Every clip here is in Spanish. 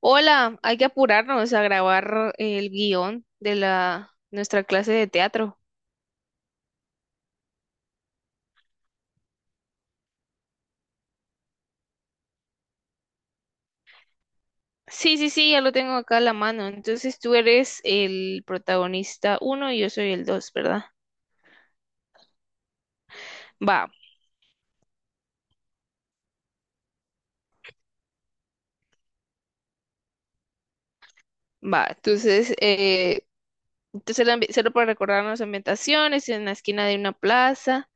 Hola, hay que apurarnos a grabar el guión de la nuestra clase de teatro. Sí, sí, sí, ya lo tengo acá a la mano. Entonces tú eres el protagonista uno y yo soy el dos, ¿verdad? Va, va. Entonces, solo para recordarnos ambientaciones, en la esquina de una plaza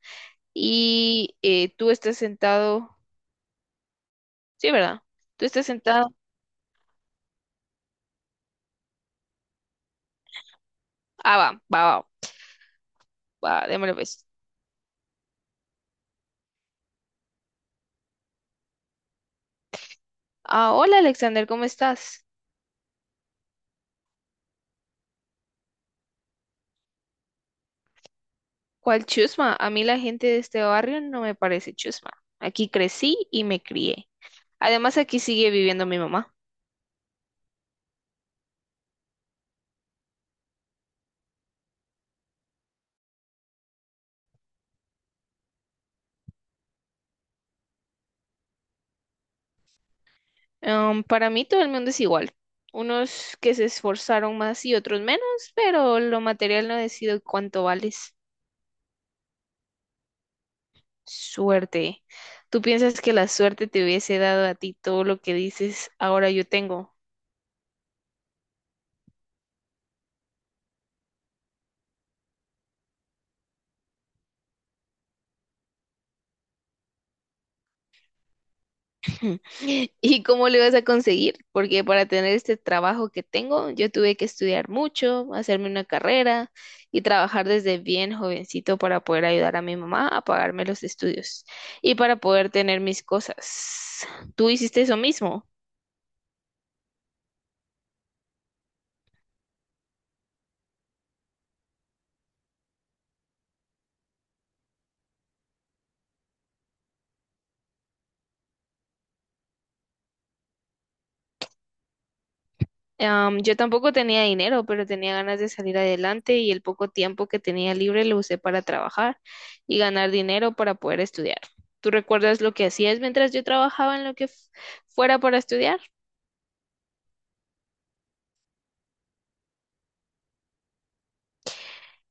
y tú estás sentado, sí, ¿verdad? Tú estás sentado. Ah, va, va, va, va, démosle pues. Ah, hola Alexander, ¿cómo estás? ¿Cuál chusma? A mí la gente de este barrio no me parece chusma. Aquí crecí y me crié. Además, aquí sigue viviendo mi mamá. Para mí todo el mundo es igual. Unos que se esforzaron más y otros menos, pero lo material no decide cuánto vales. Suerte. ¿Tú piensas que la suerte te hubiese dado a ti todo lo que dices ahora yo tengo? ¿Y cómo lo ibas a conseguir? Porque para tener este trabajo que tengo, yo tuve que estudiar mucho, hacerme una carrera y trabajar desde bien jovencito para poder ayudar a mi mamá a pagarme los estudios y para poder tener mis cosas. ¿Tú hiciste eso mismo? Yo tampoco tenía dinero, pero tenía ganas de salir adelante y el poco tiempo que tenía libre lo usé para trabajar y ganar dinero para poder estudiar. ¿Tú recuerdas lo que hacías mientras yo trabajaba en lo que fuera para estudiar?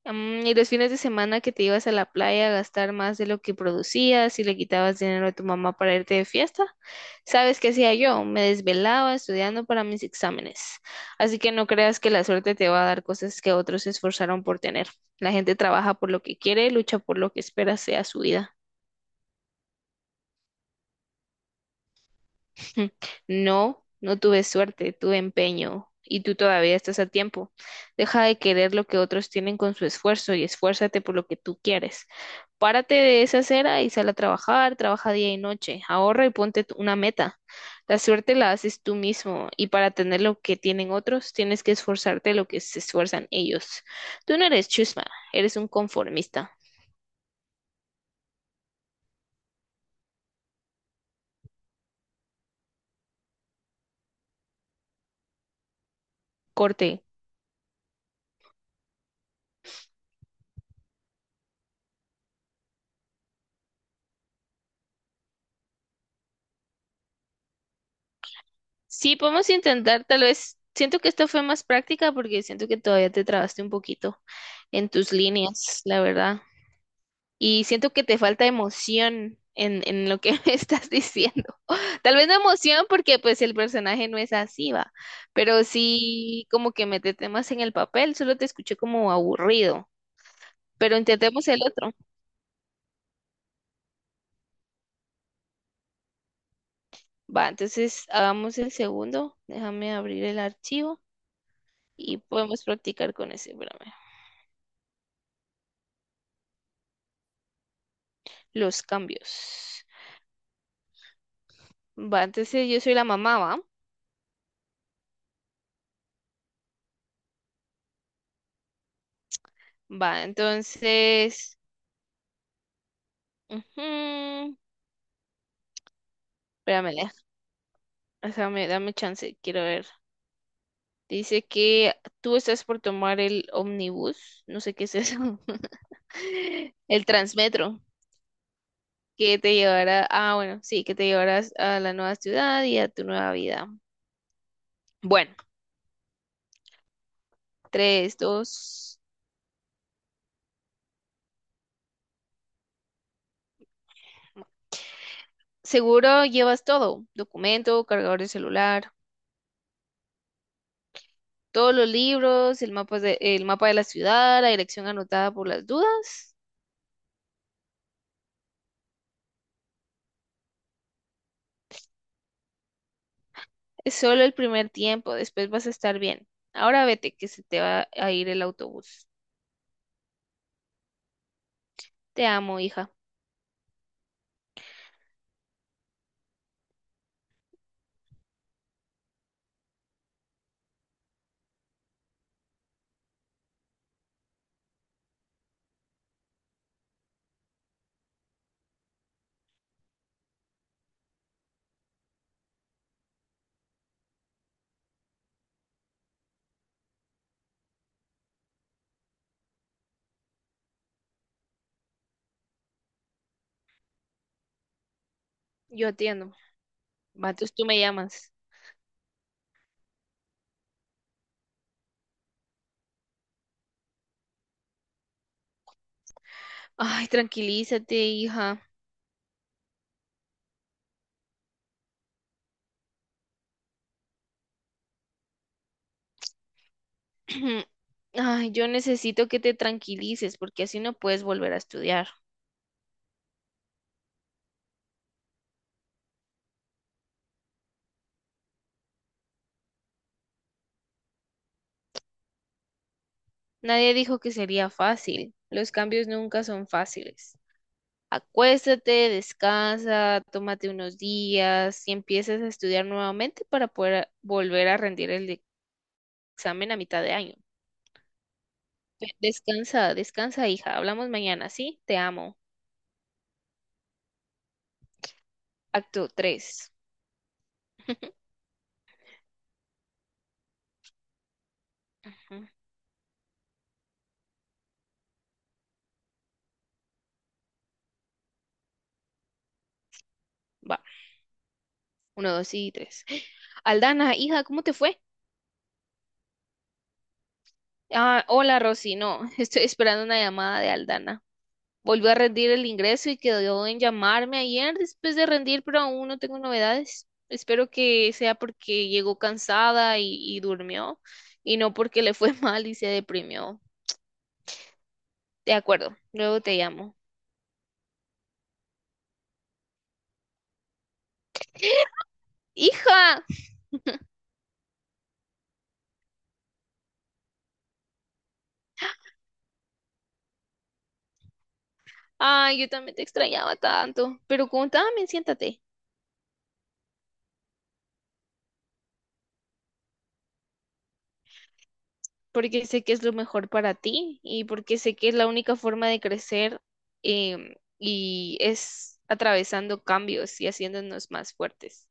Mm, y los fines de semana que te ibas a la playa a gastar más de lo que producías y le quitabas dinero a tu mamá para irte de fiesta, ¿sabes qué hacía yo? Me desvelaba estudiando para mis exámenes. Así que no creas que la suerte te va a dar cosas que otros se esforzaron por tener. La gente trabaja por lo que quiere, lucha por lo que espera sea su vida. No, no tuve suerte, tuve empeño. Y tú todavía estás a tiempo. Deja de querer lo que otros tienen con su esfuerzo y esfuérzate por lo que tú quieres. Párate de esa acera y sal a trabajar, trabaja día y noche, ahorra y ponte una meta. La suerte la haces tú mismo y para tener lo que tienen otros tienes que esforzarte lo que se esfuerzan ellos. Tú no eres chusma, eres un conformista. Corte. Sí, podemos intentar, tal vez. Siento que esta fue más práctica porque siento que todavía te trabaste un poquito en tus líneas, la verdad. Y siento que te falta emoción en lo que me estás diciendo. Tal vez no emoción porque pues el personaje no es así, va, pero sí como que mete temas en el papel, solo te escuché como aburrido, pero intentemos el otro, va, entonces hagamos el segundo, déjame abrir el archivo y podemos practicar con ese, espérame, los cambios, va, entonces yo soy la mamá, va, va, entonces, ujú, espérame, déjame, dame chance, quiero ver. Dice que tú estás por tomar el ómnibus, no sé qué es eso. El Transmetro, que te llevará, ah, bueno, sí, que te llevarás a la nueva ciudad y a tu nueva vida. Bueno, tres, dos. Seguro llevas todo, documento, cargador de celular, todos los libros, el mapa de la ciudad, la dirección anotada por las dudas. Es solo el primer tiempo, después vas a estar bien. Ahora vete, que se te va a ir el autobús. Te amo, hija. Yo atiendo. Matos, tú me llamas. Ay, tranquilízate, hija. Ay, yo necesito que te tranquilices porque así no puedes volver a estudiar. Nadie dijo que sería fácil. Los cambios nunca son fáciles. Acuéstate, descansa, tómate unos días y empiezas a estudiar nuevamente para poder volver a rendir el examen a mitad de año. Ve, descansa, descansa, hija. Hablamos mañana, ¿sí? Te amo. Acto 3. Va, uno, 2 y 3. Aldana, hija, ¿cómo te fue? Ah, hola Rosy, no, estoy esperando una llamada de Aldana. Volvió a rendir el ingreso y quedó en llamarme ayer después de rendir, pero aún no tengo novedades. Espero que sea porque llegó cansada y durmió y no porque le fue mal y se deprimió. De acuerdo, luego te llamo. ¡Hija! Ay, yo también te extrañaba tanto. Pero contame, siéntate. Porque sé que es lo mejor para ti y porque sé que es la única forma de crecer y es atravesando cambios y haciéndonos más fuertes.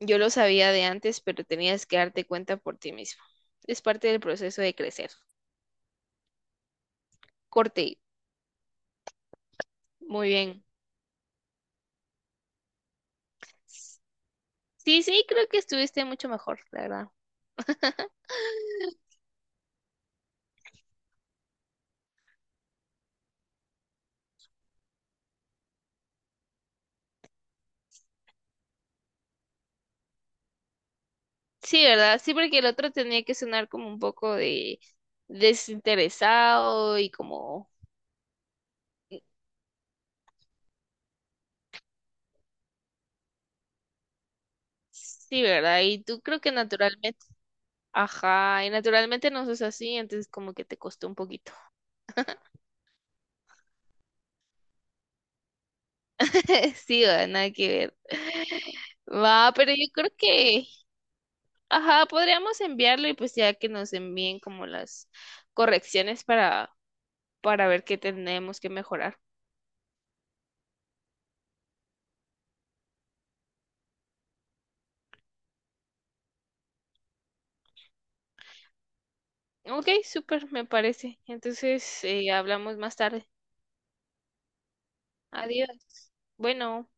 Yo lo sabía de antes, pero tenías que darte cuenta por ti mismo. Es parte del proceso de crecer. Corte, muy bien. Sí, sí, creo que estuviste mucho mejor, la verdad. Sí, ¿verdad? Sí, porque el otro tenía que sonar como un poco de desinteresado y como... Sí, ¿verdad? Y tú creo que naturalmente... Ajá, y naturalmente no sos así, entonces como que te costó un poquito. Sí, va, nada que ver. Va, pero yo creo que, ajá, podríamos enviarlo y pues ya que nos envíen como las correcciones para ver qué tenemos que mejorar. Ok, súper, me parece. Entonces, hablamos más tarde. Adiós. Bueno.